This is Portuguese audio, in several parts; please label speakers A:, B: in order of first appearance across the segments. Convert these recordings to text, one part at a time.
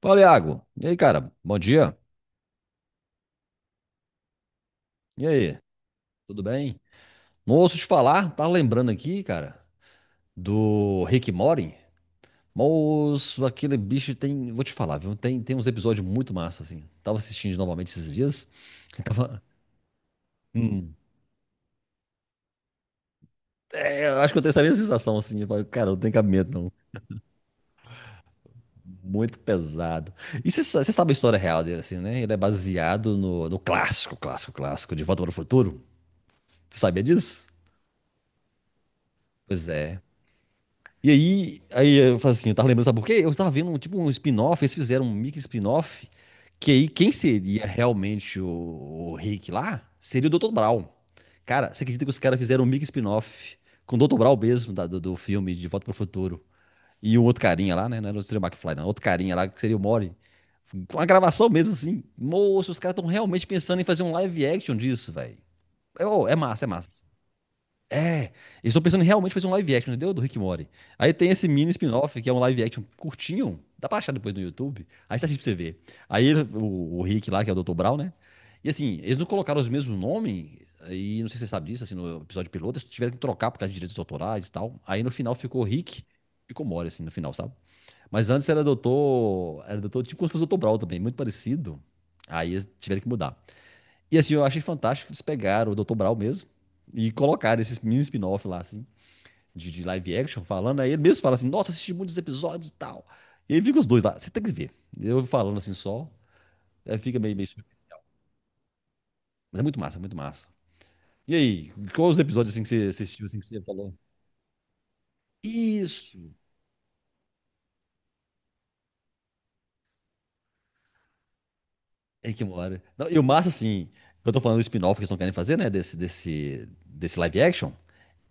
A: Fala, Iago. E aí, cara? Bom dia. E aí? Tudo bem? Não ouço te falar, tá lembrando aqui, cara, do Rick and Morty. Moço, aquele bicho tem. Vou te falar, viu? Tem uns episódios muito massa, assim. Tava assistindo novamente esses dias. Tava. Hum. É, eu acho que eu tenho essa mesma sensação, assim. Eu falei, cara, não tem cabimento, não. Muito pesado. E você sabe a história real dele, assim, né? Ele é baseado no clássico, clássico, clássico de Volta para o Futuro. Você sabia disso? Pois é. E aí, eu falo assim, eu tava lembrando, sabe por quê? Eu tava vendo um, tipo um spin-off, eles fizeram um mix spin-off, que aí quem seria realmente o Rick lá seria o Dr. Brown. Cara, você acredita que os caras fizeram um mix spin-off com o Dr. Brown mesmo, do filme De Volta pro Futuro. E um outro carinha lá, né? Não era o Sr. McFly, não. Outro carinha lá que seria o Mori. Com a gravação mesmo, assim. Moço, os caras estão realmente pensando em fazer um live action disso, velho. É, ô, é massa, é massa. É, eles estão pensando em realmente fazer um live action, entendeu? Do Rick e Morty. Aí tem esse mini spin-off, que é um live action curtinho, dá pra achar depois no YouTube. Aí você assiste pra você ver. Aí o Rick lá, que é o Dr. Brown, né? E assim, eles não colocaram os mesmos nomes, e não sei se você sabe disso, assim, no episódio piloto, eles tiveram que trocar por causa de direitos autorais e tal. Aí no final ficou Rick, ficou Morty, assim, no final, sabe? Mas antes era doutor, tipo como se fosse o Dr. Brown também, muito parecido. Aí eles tiveram que mudar. E assim, eu achei fantástico que eles pegaram o Dr. Brau mesmo e colocaram esses mini spin-off lá, assim, de live action, falando. Aí ele mesmo fala assim: Nossa, assisti muitos episódios e tal. E aí fica os dois lá, você tem que ver. Eu falando assim só, aí fica meio, meio. Mas é muito massa, muito massa. E aí, quais os episódios assim que você assistiu, assim, que você falou? Isso! É que mora. Não, e o massa, assim, eu tô falando do spin-off que eles não querem fazer, né? Desse live action.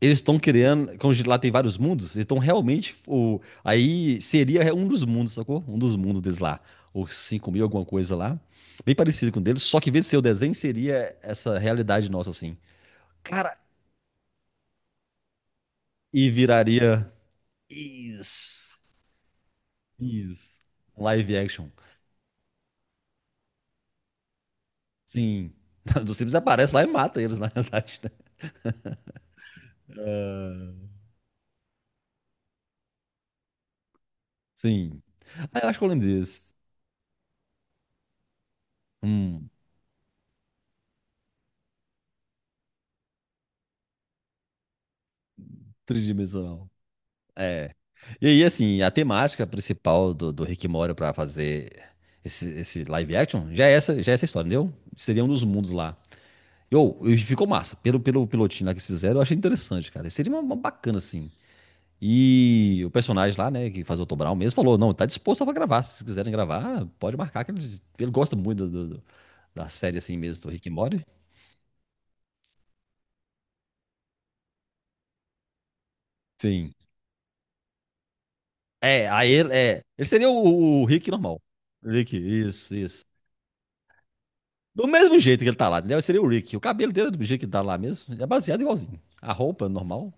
A: Eles estão criando, como lá tem vários mundos, eles estão realmente. O, aí seria um dos mundos, sacou? Um dos mundos deles lá. Ou 5 mil, alguma coisa lá. Bem parecido com o deles, só que em vez de ser o desenho, seria essa realidade nossa, assim. Cara, e viraria. Isso. Isso. Um Live action. Sim. Do Simples aparece lá e mata eles, na realidade, né? Sim. Ah, eu acho que eu lembro desse. Hum, tridimensional. É. E aí, assim, a temática principal do Rick e Morty pra fazer esse live action já é essa história, entendeu? Seria um dos mundos lá. Eu, e ficou massa. Pelo pilotinho lá que eles fizeram, eu achei interessante, cara. Seria uma bacana, assim. E o personagem lá, né, que faz o Otto Brown mesmo, falou: não, tá disposto a gravar. Se vocês quiserem gravar, pode marcar, que ele gosta muito do da série, assim mesmo, do Rick e Morty. Sim. É, aí ele, é, ele seria o Rick normal. Rick, isso, isso. Do mesmo jeito que ele tá lá, entendeu? Seria o Rick. O cabelo dele é do jeito que ele tá lá mesmo. É baseado igualzinho. A roupa normal.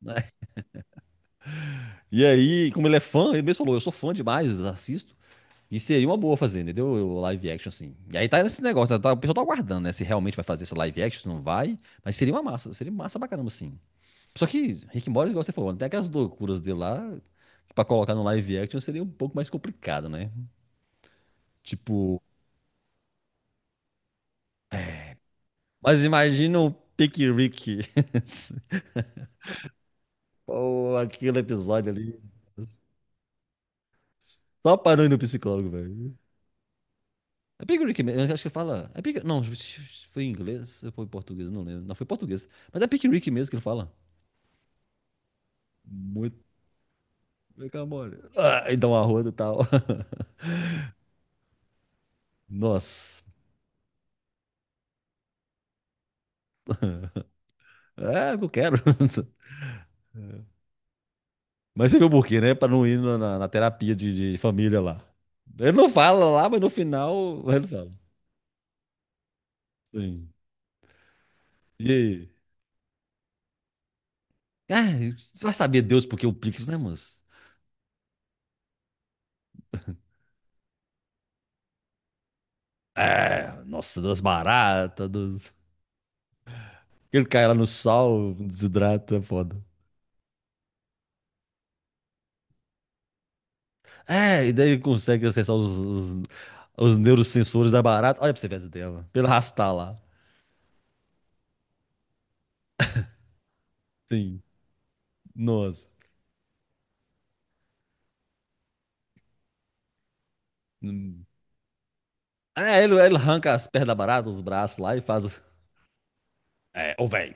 A: Né? E aí, como ele é fã, ele mesmo falou: eu sou fã demais, assisto. E seria uma boa fazer, entendeu? O live action, assim. E aí tá nesse negócio, tá, o pessoal tá aguardando, né? Se realmente vai fazer esse live action, se não vai. Mas seria uma massa, seria massa pra caramba, assim. Só que Rick and Morty, igual você falou, né, tem aquelas loucuras dele lá, que pra colocar no live action seria um pouco mais complicado, né? Tipo, mas imagina o Pick Rick. Ou aquele episódio ali. Só parou no psicólogo, velho. É Big Rick mesmo, eu acho que fala. É Big... Não, foi em inglês ou foi em português, não lembro. Não, foi em português. Mas é Big Rick mesmo que ele fala. Muito. Vem cá, mole. Ah, e dá uma roda e tal. Nossa. É, eu quero. Mas você viu por quê, né? Pra não ir na terapia de família lá. Ele não fala lá, mas no final ele fala. Sim. E aí? Ah, vai saber Deus porque o Pix, né, moço? É, nossa, das baratas, dos... Ele cai lá no sal, desidrata, é foda. É, e daí ele consegue acessar os, os neurosensores da barata. Olha pra você ver essa tela. Pelo arrastar lá. Sim, nossa. Hum. É, ele arranca as pernas da barata, os braços lá e faz o... É, ô velho.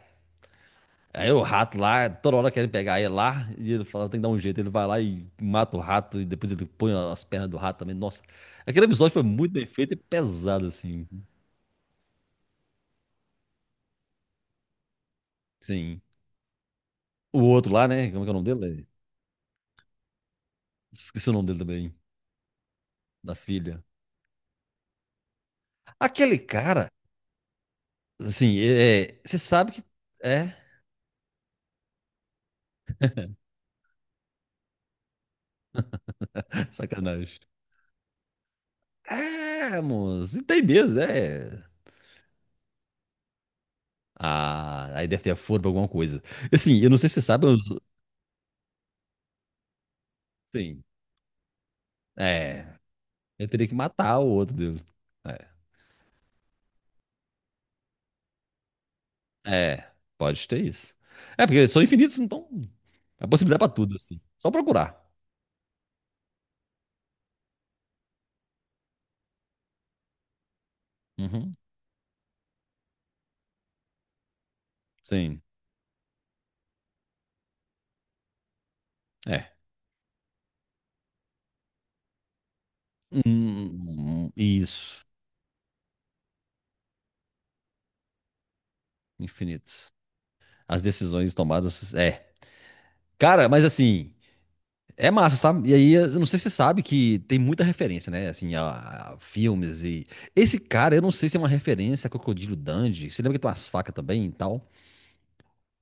A: Aí o rato lá, toda hora querem pegar ele lá, e ele fala, tem que dar um jeito. Ele vai lá e mata o rato, e depois ele põe as pernas do rato também. Nossa, aquele episódio foi muito bem feito e pesado, assim. Sim. O outro lá, né? Como é que é o nome dele? Esqueci o nome dele também, da filha. Aquele cara, assim, é, é, você sabe que é sacanagem. É, moço, e tem mesmo, é. Ah, aí deve ter a furo pra alguma coisa. Assim, eu não sei se você sabe, mas, sim, é, eu teria que matar o outro dele. É, é, pode ter isso. É, porque eles são infinitos, então, a possibilidade pra tudo, assim. Só procurar. Uhum, sim, é. Isso, infinitos. As decisões tomadas. É. Cara, mas assim, é massa, sabe? E aí, eu não sei se você sabe que tem muita referência, né? Assim, a filmes e. Esse cara, eu não sei se é uma referência a Crocodilo Dundee. Você lembra que tem umas facas também e tal?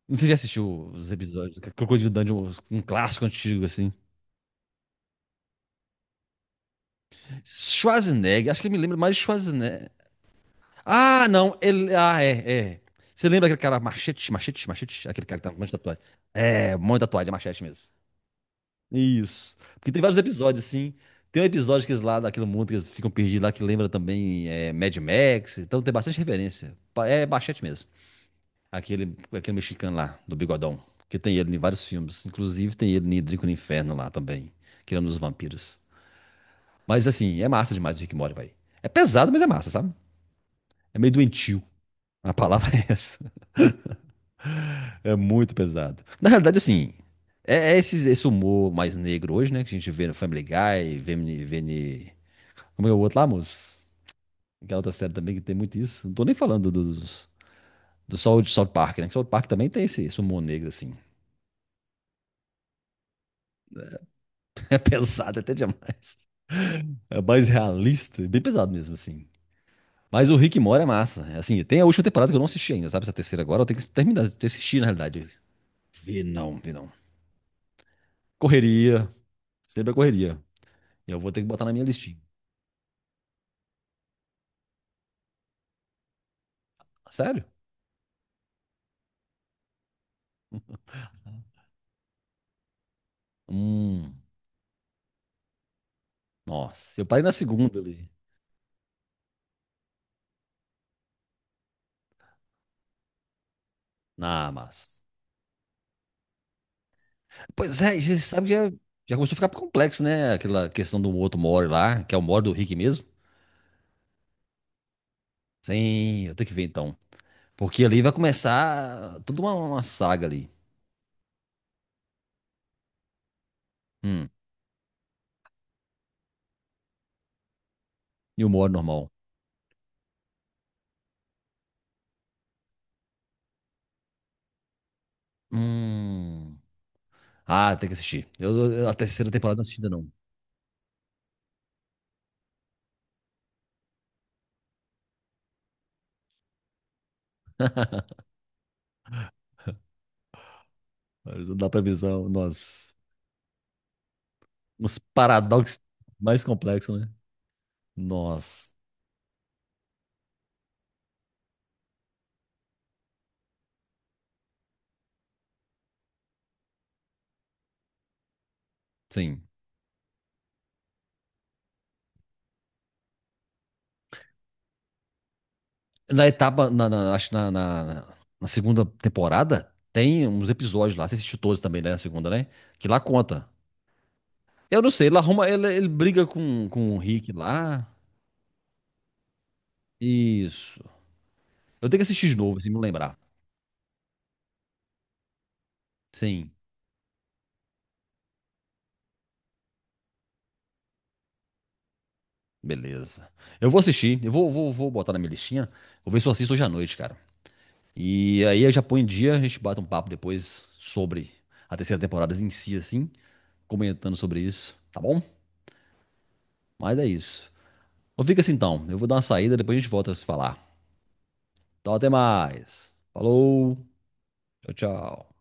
A: Não sei se já assistiu os episódios do Crocodilo Dundee, um clássico antigo, assim. Schwarzenegger, acho que ele me lembra mais de Schwarzenegger. Ah, não. Ele... Ah, é, é. Você lembra aquele cara machete, machete, machete? Aquele cara que tá com um monte de tatuagem. É, um monte de tatuagem, é machete mesmo. Isso. Porque tem vários episódios, assim. Tem um episódio que eles lá, daquele mundo que eles ficam perdidos lá, que lembra também é, Mad Max. Então tem bastante referência. Pa- É Bachete mesmo. Aquele, aquele mexicano lá, do Bigodão. Que tem ele em vários filmes. Inclusive tem ele em Drico no Inferno lá também. Que é um dos vampiros. Mas assim, é massa demais o Rick and Morty, velho. É pesado, mas é massa, sabe? É meio doentio. A palavra é essa. É muito pesado. Na realidade, assim, é, é esse, humor mais negro hoje, né? Que a gente vê no Family Guy, vê, em- como é o outro lá, moço? Aquela outra série também que tem muito isso. Não tô nem falando dos, do South Park, né? Que South Park também tem esse humor negro, assim. É pesado até demais. É mais realista, bem pesado mesmo, assim. Mas o Rick Mora é massa. É assim, tem a última temporada que eu não assisti ainda, sabe? Essa terceira agora, eu tenho que terminar de assistir, na realidade. Vi não, vi não. Correria, sempre a correria. Eu vou ter que botar na minha listinha. Sério? Hum, nossa. Eu parei na segunda ali. Ah, mas... Pois é, e você sabe que já, já começou a ficar complexo, né? Aquela questão do outro Mori lá, que é o Mori do Rick mesmo. Sim, eu tenho que ver então. Porque ali vai começar toda uma saga ali. Hum, e o Mori normal. Hum. Ah, tem que assistir. A terceira temporada não assisti ainda não. Mas não dá pra avisar nós, uns paradoxos mais complexos, né? Nós, sim. Na etapa, acho que na segunda temporada, tem uns episódios lá. Você assistiu todos também, né? A segunda, né? Que lá conta. Eu não sei, ele arruma, ele briga com o Rick lá. Isso. Eu tenho que assistir de novo, assim, me lembrar. Sim, beleza. Eu vou assistir, eu vou, vou botar na minha listinha. Vou ver se eu assisto hoje à noite, cara. E aí eu já põe em dia, a gente bate um papo depois sobre a terceira temporada em si, assim, comentando sobre isso, tá bom? Mas é isso. Então fica assim então, eu vou dar uma saída, depois a gente volta a se falar. Então até mais. Falou, tchau, tchau.